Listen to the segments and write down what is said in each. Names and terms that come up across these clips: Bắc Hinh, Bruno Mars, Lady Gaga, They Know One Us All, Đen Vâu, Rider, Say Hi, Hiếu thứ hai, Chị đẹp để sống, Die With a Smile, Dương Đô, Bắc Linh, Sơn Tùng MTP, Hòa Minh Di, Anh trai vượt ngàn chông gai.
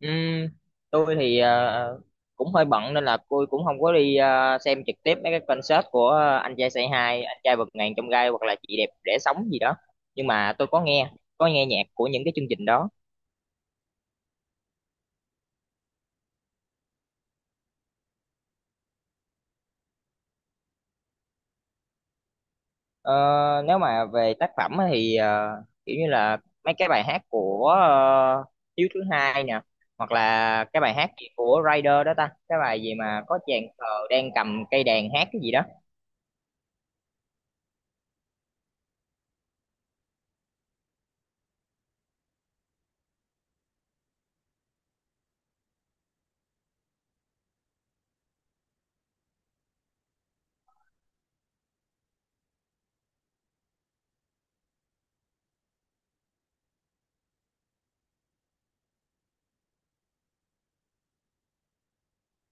Ừm, tôi thì cũng hơi bận nên là tôi cũng không có đi xem trực tiếp mấy cái concert của anh trai Say Hi, anh trai vượt ngàn chông gai hoặc là chị đẹp để sống gì đó. Nhưng mà tôi có nghe nhạc của những cái chương trình đó. Ờ, nếu mà về tác phẩm á thì kiểu như là mấy cái bài hát của Hiếu thứ hai nè, hoặc là cái bài hát gì của Rider đó ta, cái bài gì mà có chàng khờ đang cầm cây đàn hát cái gì đó.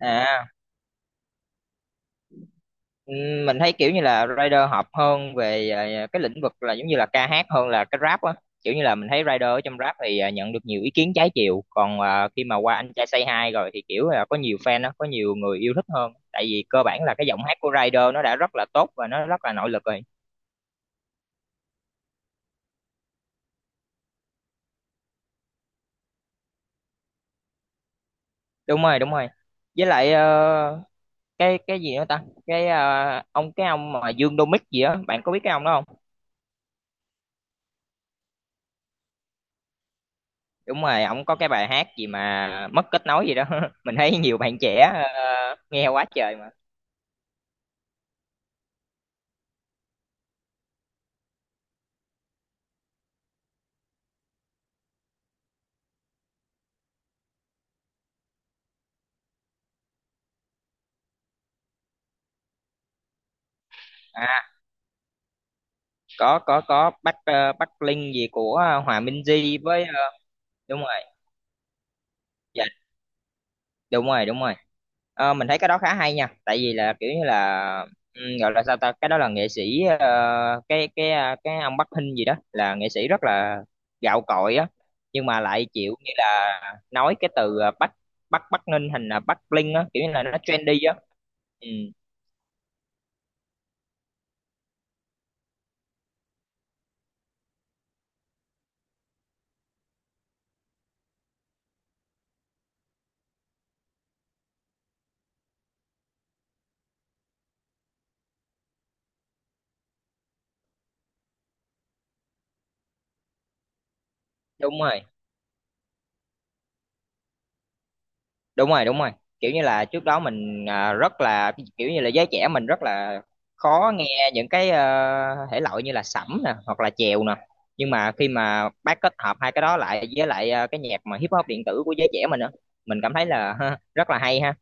À, mình thấy kiểu như là rider hợp hơn về cái lĩnh vực là giống như là ca hát hơn là cái rap á, kiểu như là mình thấy rider ở trong rap thì nhận được nhiều ý kiến trái chiều, còn khi mà qua anh trai Say Hi rồi thì kiểu là có nhiều fan á, có nhiều người yêu thích hơn, tại vì cơ bản là cái giọng hát của rider nó đã rất là tốt và nó rất là nội lực rồi. Đúng rồi đúng rồi, với lại cái gì nữa ta, cái ờ, ông cái ông mà Dương Đô gì á, bạn có biết cái ông đó không? Đúng rồi, ổng có cái bài hát gì mà mất kết nối gì đó mình thấy nhiều bạn trẻ nghe quá trời mà. À, có Bắc Bắc Linh gì của Hòa Minh Di với đúng rồi. Dạ, đúng rồi đúng rồi. Ờ, mình thấy cái đó khá hay nha, tại vì là kiểu như là, ừ, gọi là sao ta, cái đó là nghệ sĩ cái ông Bắc Hinh gì đó là nghệ sĩ rất là gạo cội á, nhưng mà lại chịu như là nói cái từ Bắc Bắc Bắc Ninh thành là Bắc Linh á, kiểu như là nó trendy á. Ừ, đúng rồi đúng rồi đúng rồi, kiểu như là trước đó mình rất là kiểu như là giới trẻ mình rất là khó nghe những cái thể loại như là sẩm nè hoặc là chèo nè, nhưng mà khi mà bác kết hợp hai cái đó lại với lại cái nhạc mà hip hop điện tử của giới trẻ mình á, mình cảm thấy là ha, rất là hay ha,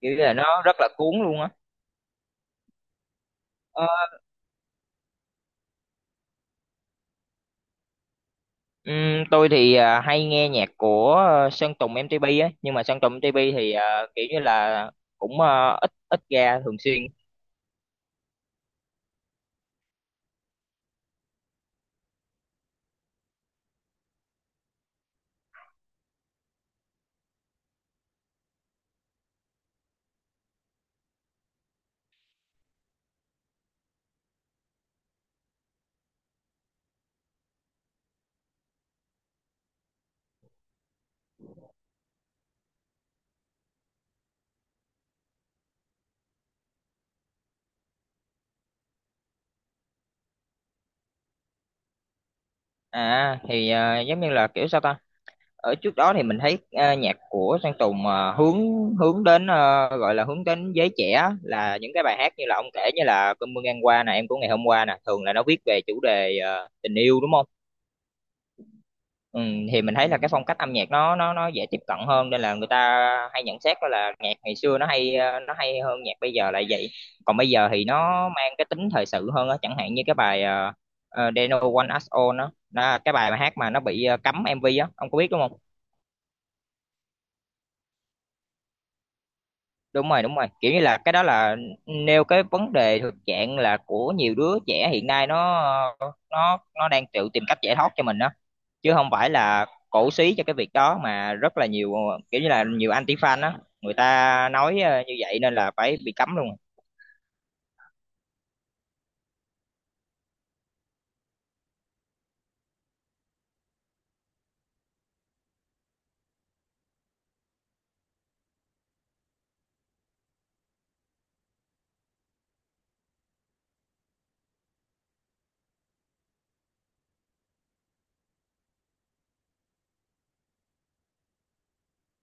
kiểu như là nó rất là cuốn luôn á. Ờ, tôi thì hay nghe nhạc của Sơn Tùng MTP á, nhưng mà Sơn Tùng MTP thì kiểu như là cũng ít, ra thường xuyên. À thì giống như là kiểu sao ta, ở trước đó thì mình thấy nhạc của Sơn Tùng ờ, hướng hướng đến gọi là hướng đến giới trẻ, là những cái bài hát như là ông kể, như là cơn mưa ngang qua nè, em của ngày hôm qua nè, thường là nó viết về chủ đề tình yêu đúng không? Ừ, thì mình thấy là cái phong cách âm nhạc nó nó dễ tiếp cận hơn nên là người ta hay nhận xét đó là nhạc ngày xưa nó hay, nó hay hơn nhạc bây giờ là vậy. Còn bây giờ thì nó mang cái tính thời sự hơn á, chẳng hạn như cái bài They Know One Us All đó, đó cái bài mà hát mà nó bị cấm MV á, ông có biết đúng không? Đúng rồi đúng rồi, kiểu như là cái đó là nêu cái vấn đề thực trạng là của nhiều đứa trẻ hiện nay, nó nó đang tự tìm cách giải thoát cho mình đó, chứ không phải là cổ súy cho cái việc đó, mà rất là nhiều kiểu như là nhiều anti fan đó, người ta nói như vậy nên là phải bị cấm luôn.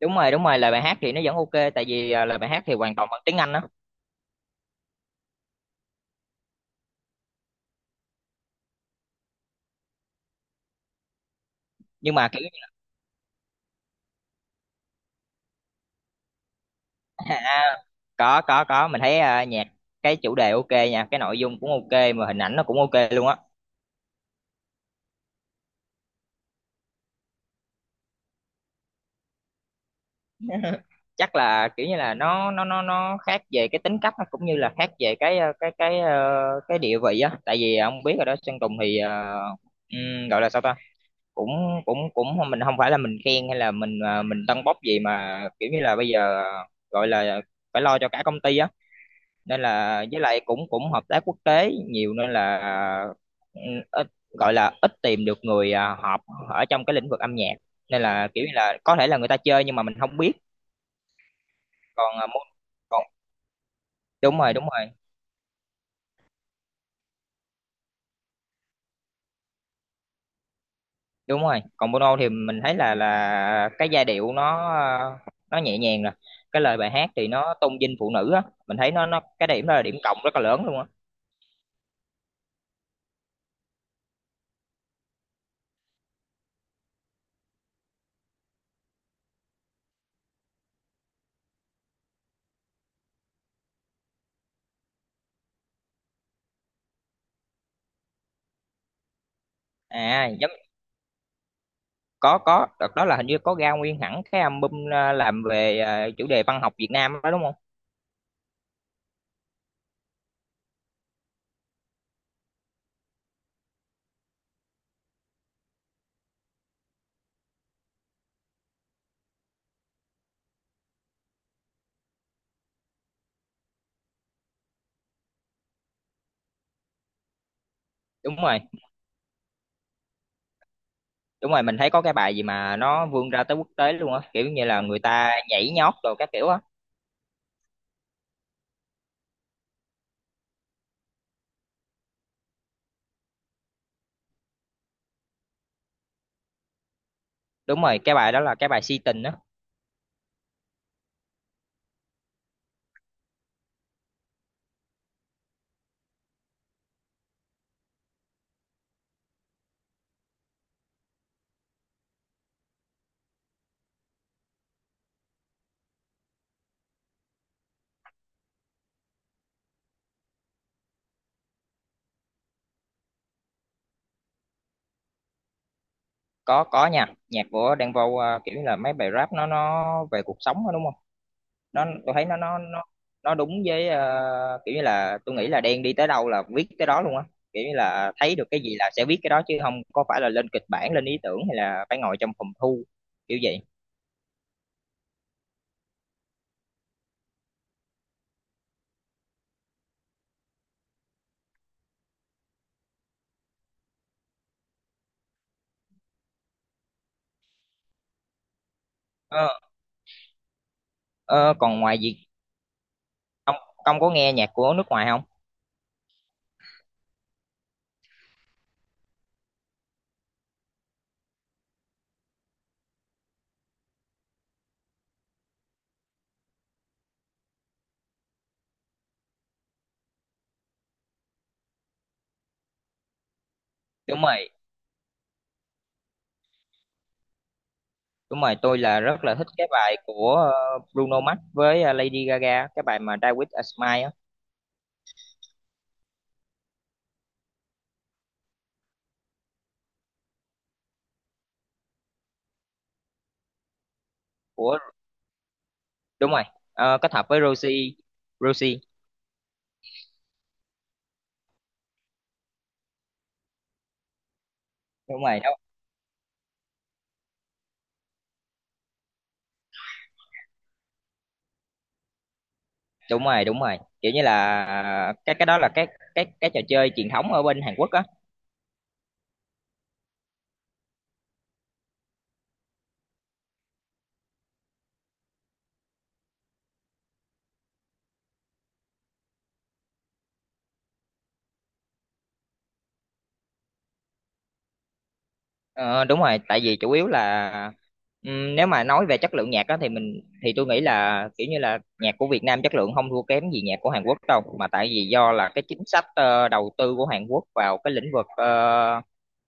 Đúng rồi đúng rồi, lời bài hát thì nó vẫn ok, tại vì lời bài hát thì hoàn toàn bằng tiếng Anh đó. Nhưng mà kiểu à, có, mình thấy nhạc cái chủ đề ok nha, cái nội dung cũng ok mà hình ảnh nó cũng ok luôn á. Chắc là kiểu như là nó nó khác về cái tính cách, nó cũng như là khác về cái cái địa vị á, tại vì ông biết rồi đó, Sơn Tùng thì gọi là sao ta, cũng cũng cũng mình không phải là mình khen hay là mình mình tâng bốc gì, mà kiểu như là bây giờ gọi là phải lo cho cả công ty á, nên là với lại cũng cũng hợp tác quốc tế nhiều nên là, ừ, ít gọi là ít tìm được người hợp ở trong cái lĩnh vực âm nhạc, nên là kiểu như là có thể là người ta chơi nhưng mà mình không biết. Còn à, môn còn đúng rồi đúng rồi đúng rồi. Còn môn thì mình thấy là cái giai điệu nó nó nhẹ nhàng rồi, cái lời bài hát thì nó tôn vinh phụ nữ á, mình thấy nó cái điểm đó là điểm cộng rất là lớn luôn á. À giống, có đợt đó là hình như có ra nguyên hẳn cái album làm về chủ đề văn học Việt Nam đó đúng không? Đúng rồi đúng rồi, mình thấy có cái bài gì mà nó vươn ra tới quốc tế luôn á, kiểu như là người ta nhảy nhót rồi các kiểu á. Đúng rồi, cái bài đó là cái bài si tình á. Có nha, nhạc của Đen Vâu kiểu như là mấy bài rap nó về cuộc sống đó, đúng không? Nó tôi thấy nó nó đúng với kiểu như là tôi nghĩ là Đen đi tới đâu là viết tới đó luôn á, kiểu như là thấy được cái gì là sẽ viết cái đó, chứ không có phải là lên kịch bản, lên ý tưởng hay là phải ngồi trong phòng thu kiểu vậy. ờ, ờ, còn ngoài việc, ông ông có nghe nhạc của nước ngoài không? Đúng rồi đúng rồi, tôi là rất là thích cái bài của Bruno Mars với Lady Gaga, cái bài mà Die With a Smile á. của Đúng rồi. Ờ, kết hợp với Rosie. Rosie đúng rồi đó. Đúng rồi đúng rồi, kiểu như là cái đó là cái trò chơi truyền thống ở bên Hàn Quốc á. Ờ, đúng rồi, tại vì chủ yếu là, nếu mà nói về chất lượng nhạc á thì mình thì tôi nghĩ là kiểu như là nhạc của Việt Nam chất lượng không thua kém gì nhạc của Hàn Quốc đâu, mà tại vì do là cái chính sách đầu tư của Hàn Quốc vào cái lĩnh vực ờ,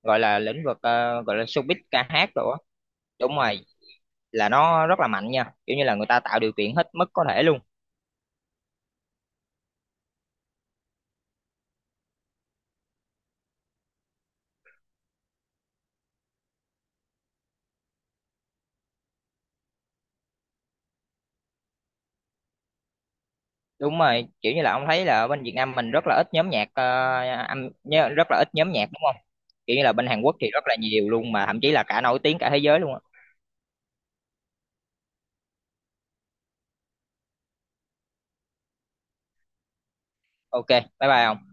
gọi là lĩnh vực ờ, gọi là showbiz ca hát rồi á. Đúng rồi, là nó rất là mạnh nha, kiểu như là người ta tạo điều kiện hết mức có thể luôn. Đúng rồi, kiểu như là ông thấy là ở bên Việt Nam mình rất là ít nhóm nhạc rất là ít nhóm nhạc đúng không? Kiểu như là bên Hàn Quốc thì rất là nhiều luôn, mà thậm chí là cả nổi tiếng cả thế giới luôn á. Ok, bye bye ông.